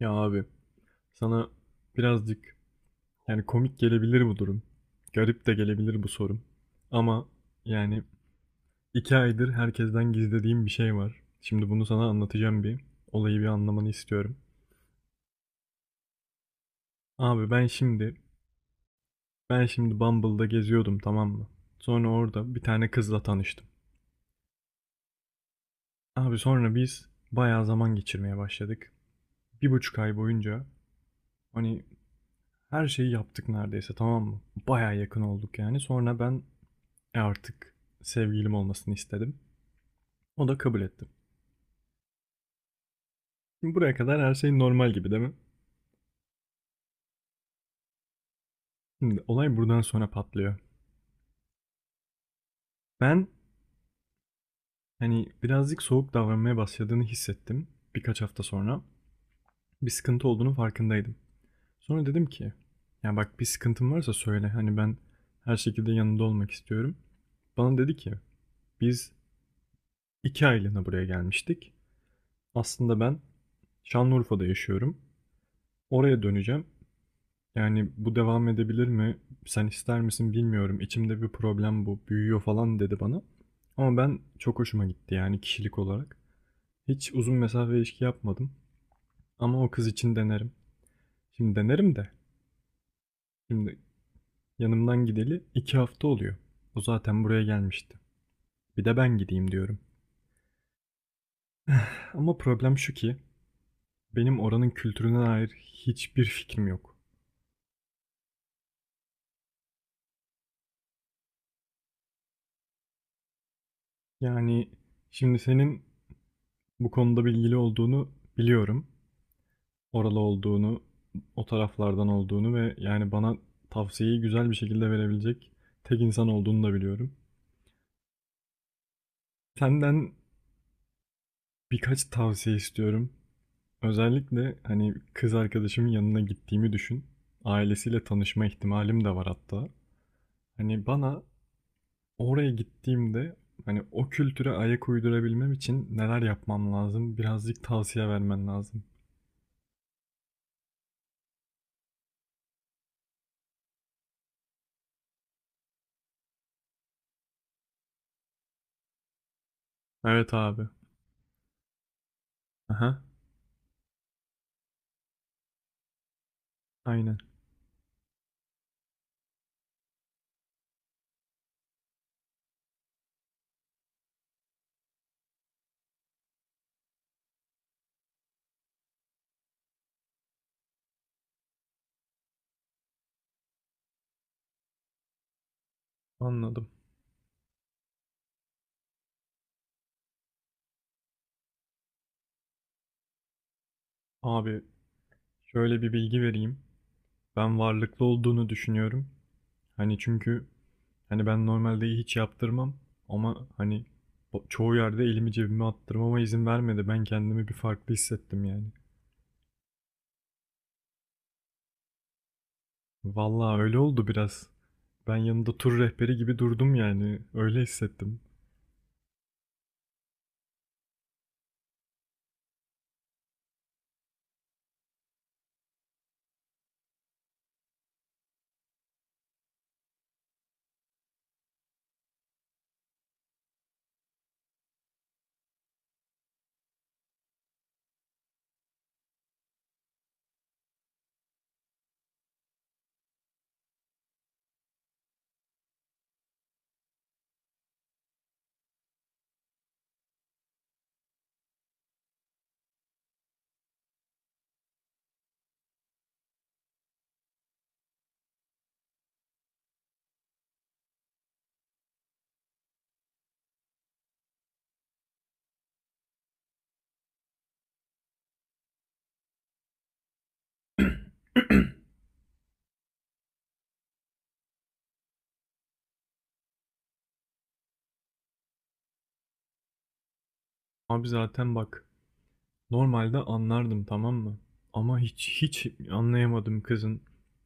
Ya abi sana birazcık yani komik gelebilir bu durum. Garip de gelebilir bu sorum. Ama yani 2 aydır herkesten gizlediğim bir şey var. Şimdi bunu sana anlatacağım bir. Olayı bir anlamanı istiyorum. Abi ben şimdi Bumble'da geziyordum, tamam mı? Sonra orada bir tane kızla tanıştım. Abi sonra biz bayağı zaman geçirmeye başladık. 1,5 ay boyunca hani her şeyi yaptık neredeyse, tamam mı? Bayağı yakın olduk yani. Sonra ben E artık sevgilim olmasını istedim. O da kabul etti. Şimdi buraya kadar her şey normal gibi, değil mi? Şimdi olay buradan sonra patlıyor. Ben hani birazcık soğuk davranmaya başladığını hissettim birkaç hafta sonra. Bir sıkıntı olduğunu farkındaydım. Sonra dedim ki ya bak, bir sıkıntın varsa söyle, hani ben her şekilde yanında olmak istiyorum. Bana dedi ki biz 2 aylığına buraya gelmiştik. Aslında ben Şanlıurfa'da yaşıyorum. Oraya döneceğim. Yani bu devam edebilir mi? Sen ister misin bilmiyorum. İçimde bir problem bu. Büyüyor falan dedi bana. Ama ben çok hoşuma gitti yani kişilik olarak. Hiç uzun mesafe ilişki yapmadım. Ama o kız için denerim. Şimdi denerim de. Şimdi yanımdan gideli 2 hafta oluyor. O zaten buraya gelmişti. Bir de ben gideyim diyorum. Ama problem şu ki benim oranın kültürüne dair hiçbir fikrim yok. Yani şimdi senin bu konuda bilgili olduğunu biliyorum, oralı olduğunu, o taraflardan olduğunu ve yani bana tavsiyeyi güzel bir şekilde verebilecek tek insan olduğunu da biliyorum. Senden birkaç tavsiye istiyorum. Özellikle hani kız arkadaşımın yanına gittiğimi düşün. Ailesiyle tanışma ihtimalim de var hatta. Hani bana oraya gittiğimde hani o kültüre ayak uydurabilmem için neler yapmam lazım? Birazcık tavsiye vermen lazım. Evet abi. Aha, aynen. Anladım. Abi şöyle bir bilgi vereyim. Ben varlıklı olduğunu düşünüyorum. Hani çünkü hani ben normalde hiç yaptırmam ama hani çoğu yerde elimi cebime attırmama izin vermedi. Ben kendimi bir farklı hissettim yani. Vallahi öyle oldu biraz. Ben yanında tur rehberi gibi durdum yani. Öyle hissettim. Abi zaten bak, normalde anlardım, tamam mı? Ama hiç anlayamadım kızın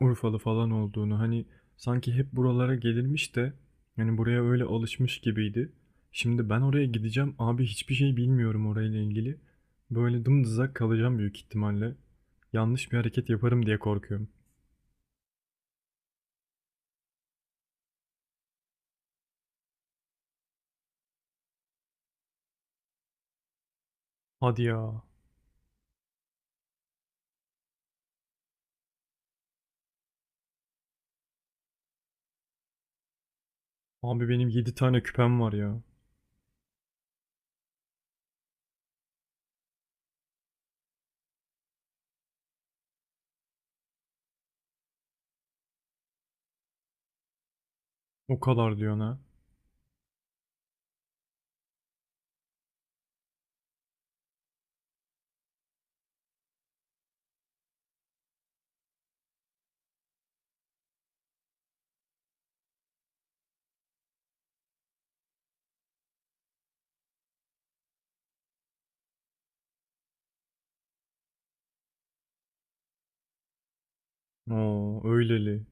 Urfalı falan olduğunu. Hani sanki hep buralara gelirmiş de yani buraya öyle alışmış gibiydi. Şimdi ben oraya gideceğim abi, hiçbir şey bilmiyorum orayla ilgili. Böyle dımdızak kalacağım büyük ihtimalle. Yanlış bir hareket yaparım diye korkuyorum. Hadi ya. Abi benim 7 tane küpem var ya. O kadar diyorsun ha. Oo öyleli.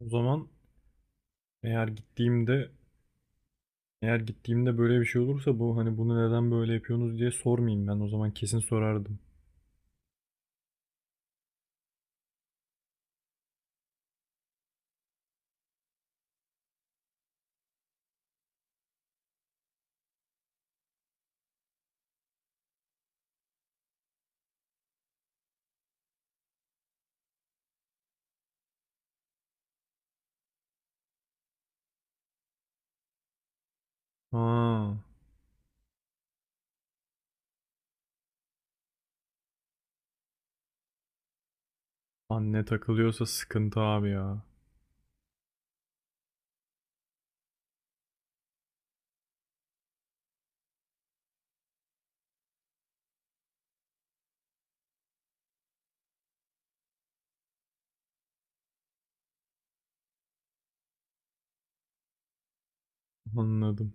O zaman eğer gittiğimde Eğer gittiğimde böyle bir şey olursa bu, hani bunu neden böyle yapıyorsunuz diye sormayayım ben. O zaman kesin sorardım. Ha, anne takılıyorsa sıkıntı abi ya. Anladım.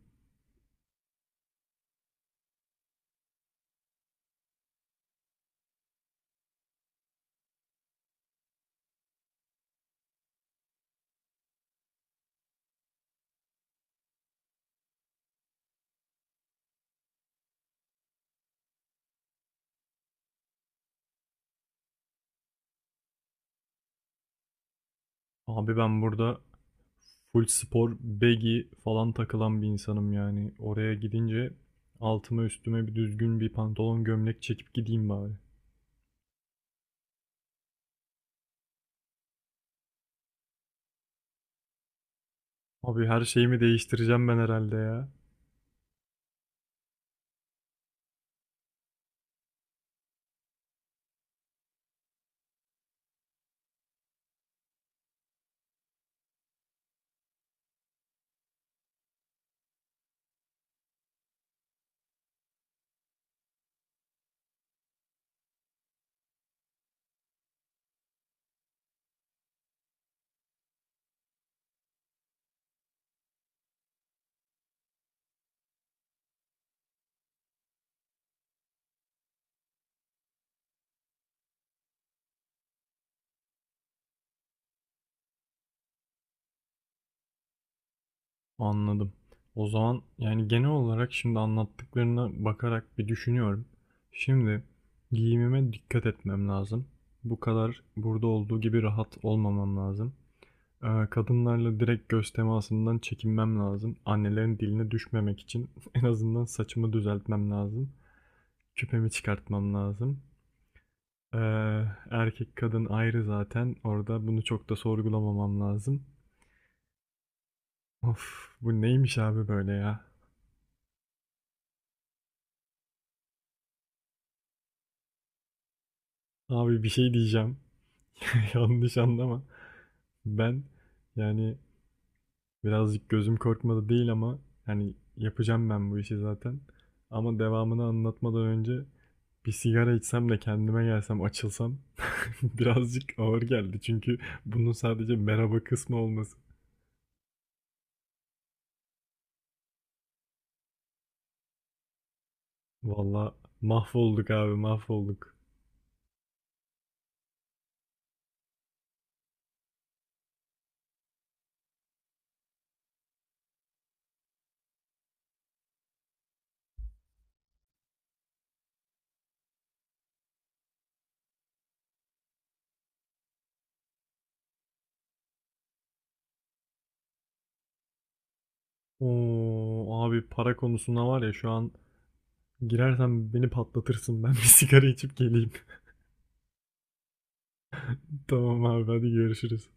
Abi ben burada full spor, baggy falan takılan bir insanım yani. Oraya gidince altıma üstüme bir düzgün bir pantolon gömlek çekip gideyim bari. Abi her şeyimi değiştireceğim ben herhalde ya. Anladım. O zaman yani genel olarak şimdi anlattıklarına bakarak bir düşünüyorum. Şimdi giyimime dikkat etmem lazım. Bu kadar burada olduğu gibi rahat olmamam lazım. Kadınlarla direkt göz temasından çekinmem lazım. Annelerin diline düşmemek için en azından saçımı düzeltmem lazım. Küpemi çıkartmam lazım. Ee, Erkek kadın ayrı zaten. Orada bunu çok da sorgulamamam lazım. Of, bu neymiş abi böyle ya? Abi bir şey diyeceğim. Yanlış anlama. Ben yani birazcık gözüm korkmadı değil ama hani yapacağım ben bu işi zaten. Ama devamını anlatmadan önce bir sigara içsem de kendime gelsem açılsam birazcık ağır geldi. Çünkü bunun sadece merhaba kısmı olması. Valla mahvolduk abi, mahvolduk. Oo abi, para konusuna var ya, şu an girersen beni patlatırsın. Ben bir sigara içip geleyim. Tamam abi, hadi görüşürüz.